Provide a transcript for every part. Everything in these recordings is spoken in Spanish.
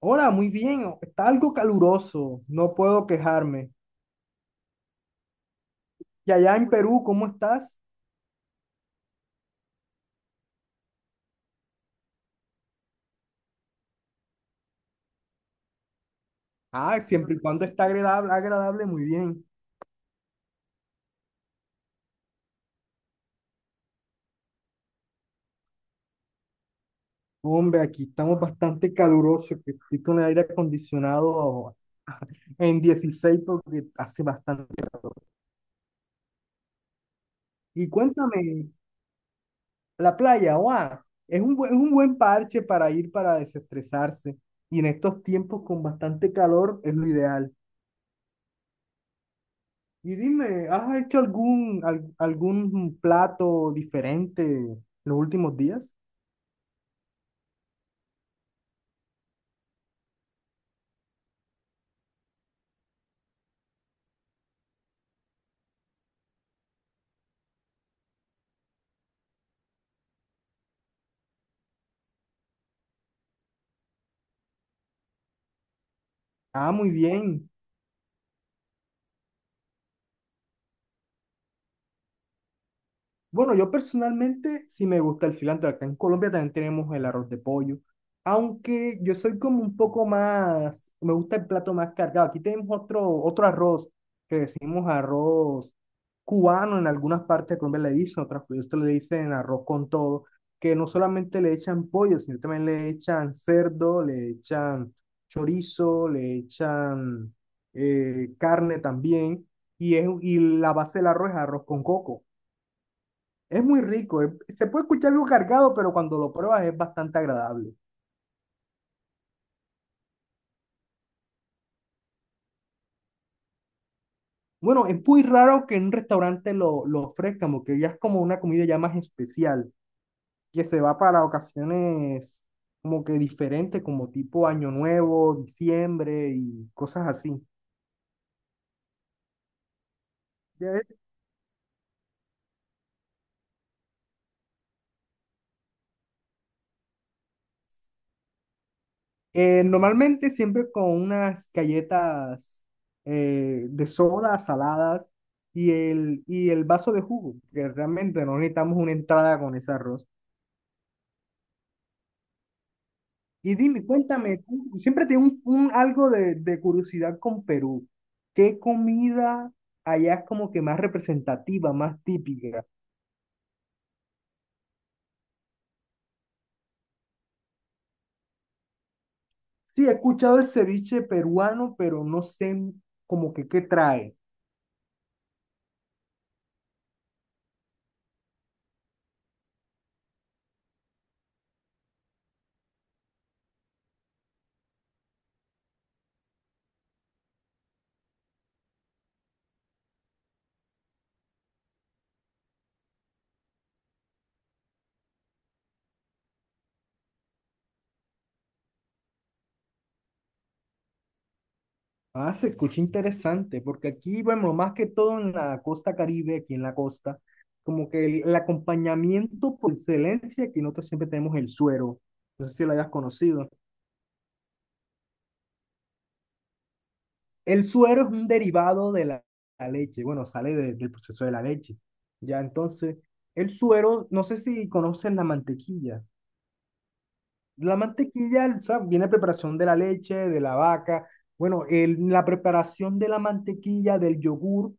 Hola, muy bien. Está algo caluroso, no puedo quejarme. Y allá en Perú, ¿cómo estás? Ah, siempre y cuando está agradable, agradable, muy bien. Hombre, aquí estamos bastante calurosos, que estoy con el aire acondicionado en 16 porque hace bastante. Y cuéntame, la playa, guau, es un buen parche para ir para desestresarse. Y en estos tiempos con bastante calor es lo ideal. Y dime, ¿has hecho algún plato diferente en los últimos días? Ah, muy bien. Bueno, yo personalmente sí me gusta el cilantro. Acá en Colombia también tenemos el arroz de pollo. Aunque yo soy como un poco más, me gusta el plato más cargado. Aquí tenemos otro arroz que decimos arroz cubano. En algunas partes de Colombia le dicen, otras partes le dicen arroz con todo, que no solamente le echan pollo, sino también le echan cerdo, le echan chorizo, le echan carne también. Y la base del arroz es arroz con coco. Es muy rico, se puede escuchar algo cargado, pero cuando lo pruebas es bastante agradable. Bueno, es muy raro que en un restaurante lo ofrezcan, porque ya es como una comida ya más especial, que se va para ocasiones como que diferentes, como tipo Año Nuevo, diciembre y cosas así. Ya es- Normalmente siempre con unas galletas de soda, saladas y el vaso de jugo, que realmente no necesitamos una entrada con ese arroz. Y dime, cuéntame, tú siempre tengo un algo de curiosidad con Perú. ¿Qué comida allá es como que más representativa, más típica? Sí, he escuchado el ceviche peruano, pero no sé como que qué trae. Ah, se escucha interesante, porque aquí, bueno, más que todo en la costa Caribe, aquí en la costa, como que el acompañamiento por excelencia, aquí nosotros siempre tenemos el suero. No sé si lo hayas conocido. El suero es un derivado de la leche, bueno, sale del proceso de la leche. Ya, entonces, el suero, no sé si conoces la mantequilla. La mantequilla, o sea, viene preparación de la leche, de la vaca. Bueno, la preparación de la mantequilla, del yogur,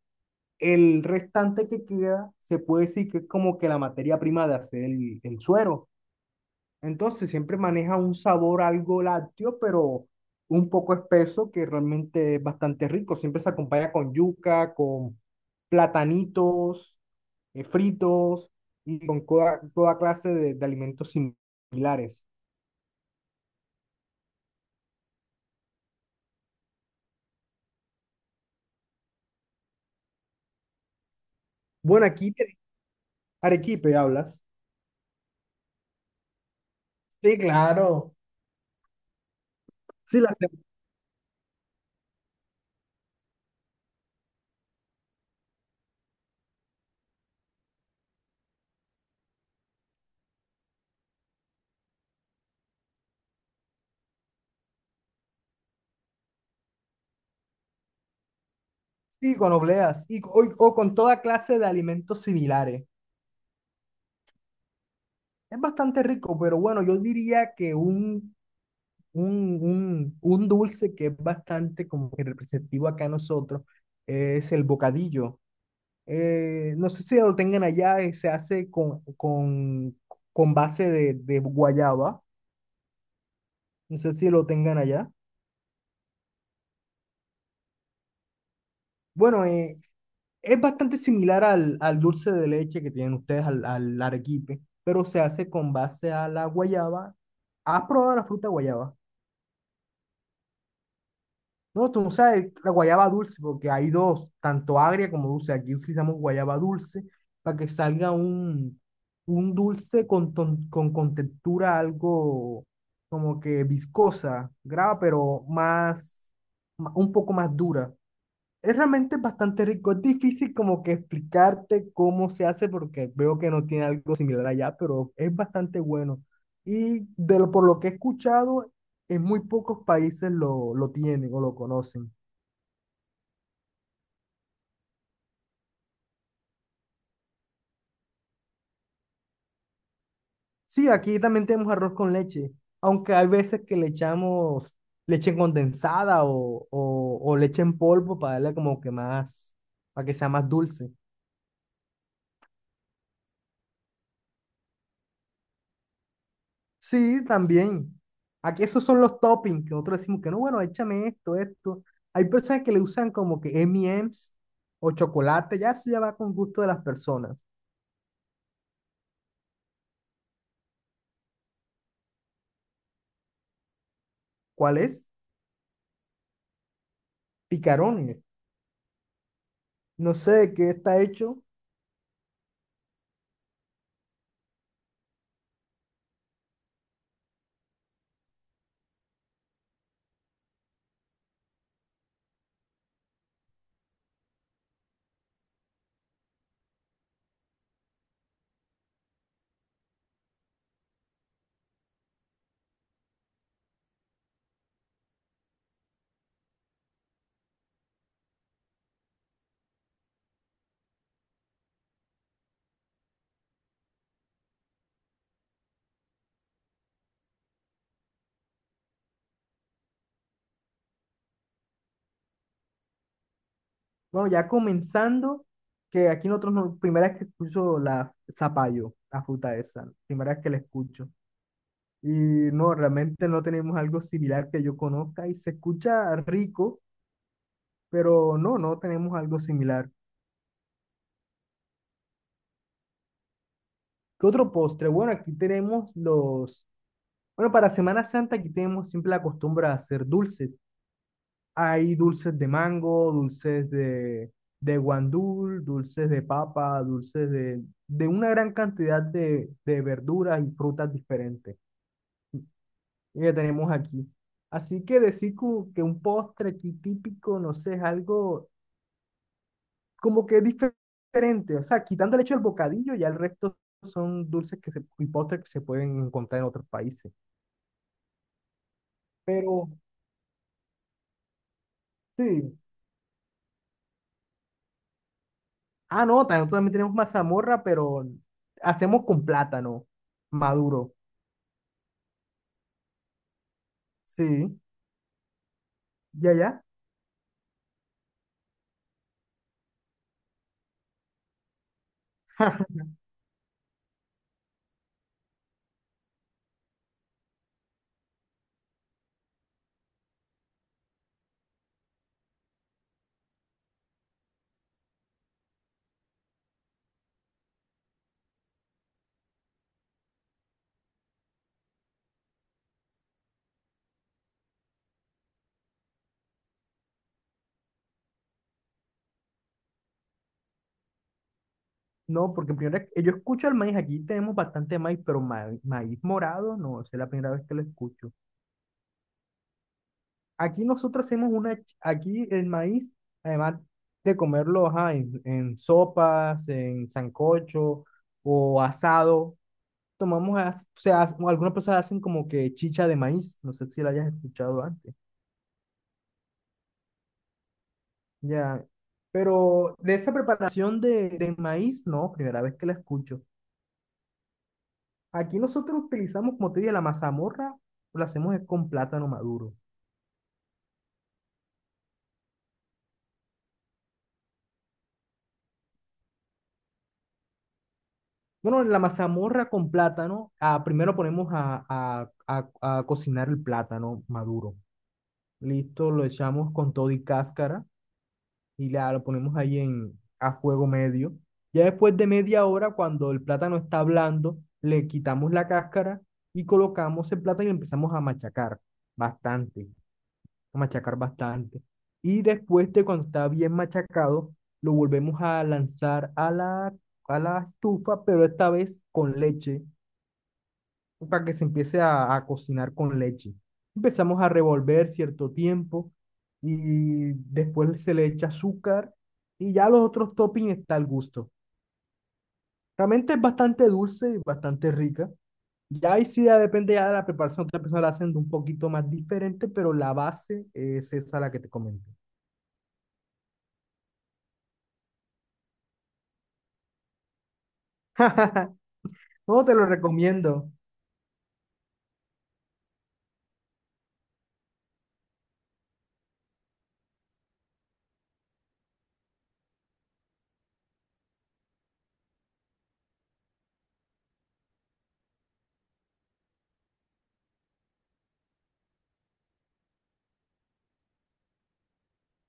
el restante que queda, se puede decir que es como que la materia prima de hacer el suero. Entonces siempre maneja un sabor algo lácteo, pero un poco espeso que realmente es bastante rico. Siempre se acompaña con yuca, con platanitos fritos y con toda clase de alimentos similares. Bueno, arequipe hablas. Sí, claro. Sí, las tem- sí, con obleas y, o con toda clase de alimentos similares. Es bastante rico, pero bueno, yo diría que un dulce que es bastante como que representativo acá a nosotros es el bocadillo. No sé si lo tengan allá, se hace con base de guayaba. No sé si lo tengan allá. Bueno, es bastante similar al dulce de leche que tienen ustedes, al arequipe, pero se hace con base a la guayaba. ¿Has probado la fruta guayaba? No, tú no sabes la guayaba dulce, porque hay dos, tanto agria como dulce. Aquí utilizamos guayaba dulce para que salga un dulce con textura algo como que viscosa, grave, pero un poco más dura. Es realmente bastante rico. Es difícil como que explicarte cómo se hace porque veo que no tiene algo similar allá, pero es bastante bueno. Y por lo que he escuchado, en muy pocos países lo tienen o lo conocen. Sí, aquí también tenemos arroz con leche, aunque hay veces que le echamos leche condensada o leche en polvo para darle como que más, para que sea más dulce. Sí, también. Aquí esos son los toppings, que nosotros decimos que no, bueno, échame esto, esto. Hay personas que le usan como que M&M's o chocolate, ya eso ya va con gusto de las personas. ¿Cuál es? Picarones. No sé de qué está hecho. Bueno, ya comenzando, que aquí nosotros, primera vez que escucho la zapallo, la fruta esa, primera vez que la escucho. Y no, realmente no tenemos algo similar que yo conozca y se escucha rico, pero no tenemos algo similar. ¿Qué otro postre? Bueno, aquí tenemos los... Bueno, para Semana Santa aquí tenemos siempre la costumbre de hacer dulces. Hay dulces de mango, dulces de guandul, dulces de papa, dulces de una gran cantidad de verduras y frutas diferentes y que tenemos aquí. Así que decir como que un postre aquí típico, no sé, es algo como que diferente. O sea, quitando el hecho del bocadillo, ya el resto son dulces y postres que se pueden encontrar en otros países. Pero sí. Ah, no, también tenemos mazamorra, pero hacemos con plátano maduro. Sí, ya, ya. No, porque primero yo escucho el maíz, aquí tenemos bastante maíz, pero maíz morado, no, esa es la primera vez que lo escucho. Aquí nosotros hacemos aquí el maíz, además de comerlo, ajá, en, sopas, en sancocho o asado, o sea, algunas personas hacen como que chicha de maíz, no sé si la hayas escuchado antes. Ya, pero de esa preparación de maíz, no, primera vez que la escucho. Aquí nosotros utilizamos, como te dije, la mazamorra, lo hacemos es con plátano maduro. Bueno, la mazamorra con plátano, ah, primero ponemos a cocinar el plátano maduro. Listo, lo echamos con todo y cáscara. Lo ponemos ahí a fuego medio. Ya después de media hora, cuando el plátano está blando, le quitamos la cáscara y colocamos el plátano y empezamos a machacar bastante, a machacar bastante. Y después de cuando está bien machacado, lo volvemos a lanzar a la estufa, pero esta vez con leche para que se empiece a cocinar con leche. Empezamos a revolver cierto tiempo y después se le echa azúcar y ya los otros toppings está al gusto. Realmente es bastante dulce y bastante rica. Ya ahí sí ya depende ya de la preparación, otra persona la hacen de un poquito más diferente, pero la base es esa la que te comenté. No, te lo recomiendo.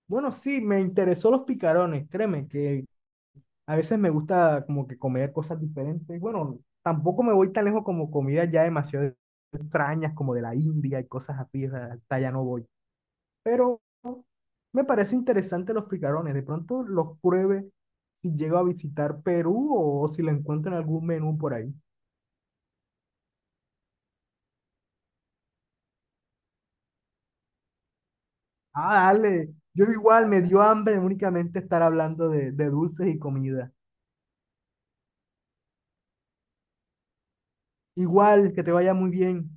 Bueno, sí, me interesó los picarones, créeme que a veces me gusta como que comer cosas diferentes. Bueno, tampoco me voy tan lejos como comidas ya demasiado extrañas, como de la India y cosas así, o sea, hasta allá no voy. Pero me parece interesante los picarones. De pronto los pruebe si llego a visitar Perú o si lo encuentro en algún menú por ahí. Ah, dale. Yo igual me dio hambre únicamente estar hablando de dulces y comida. Igual, que te vaya muy bien.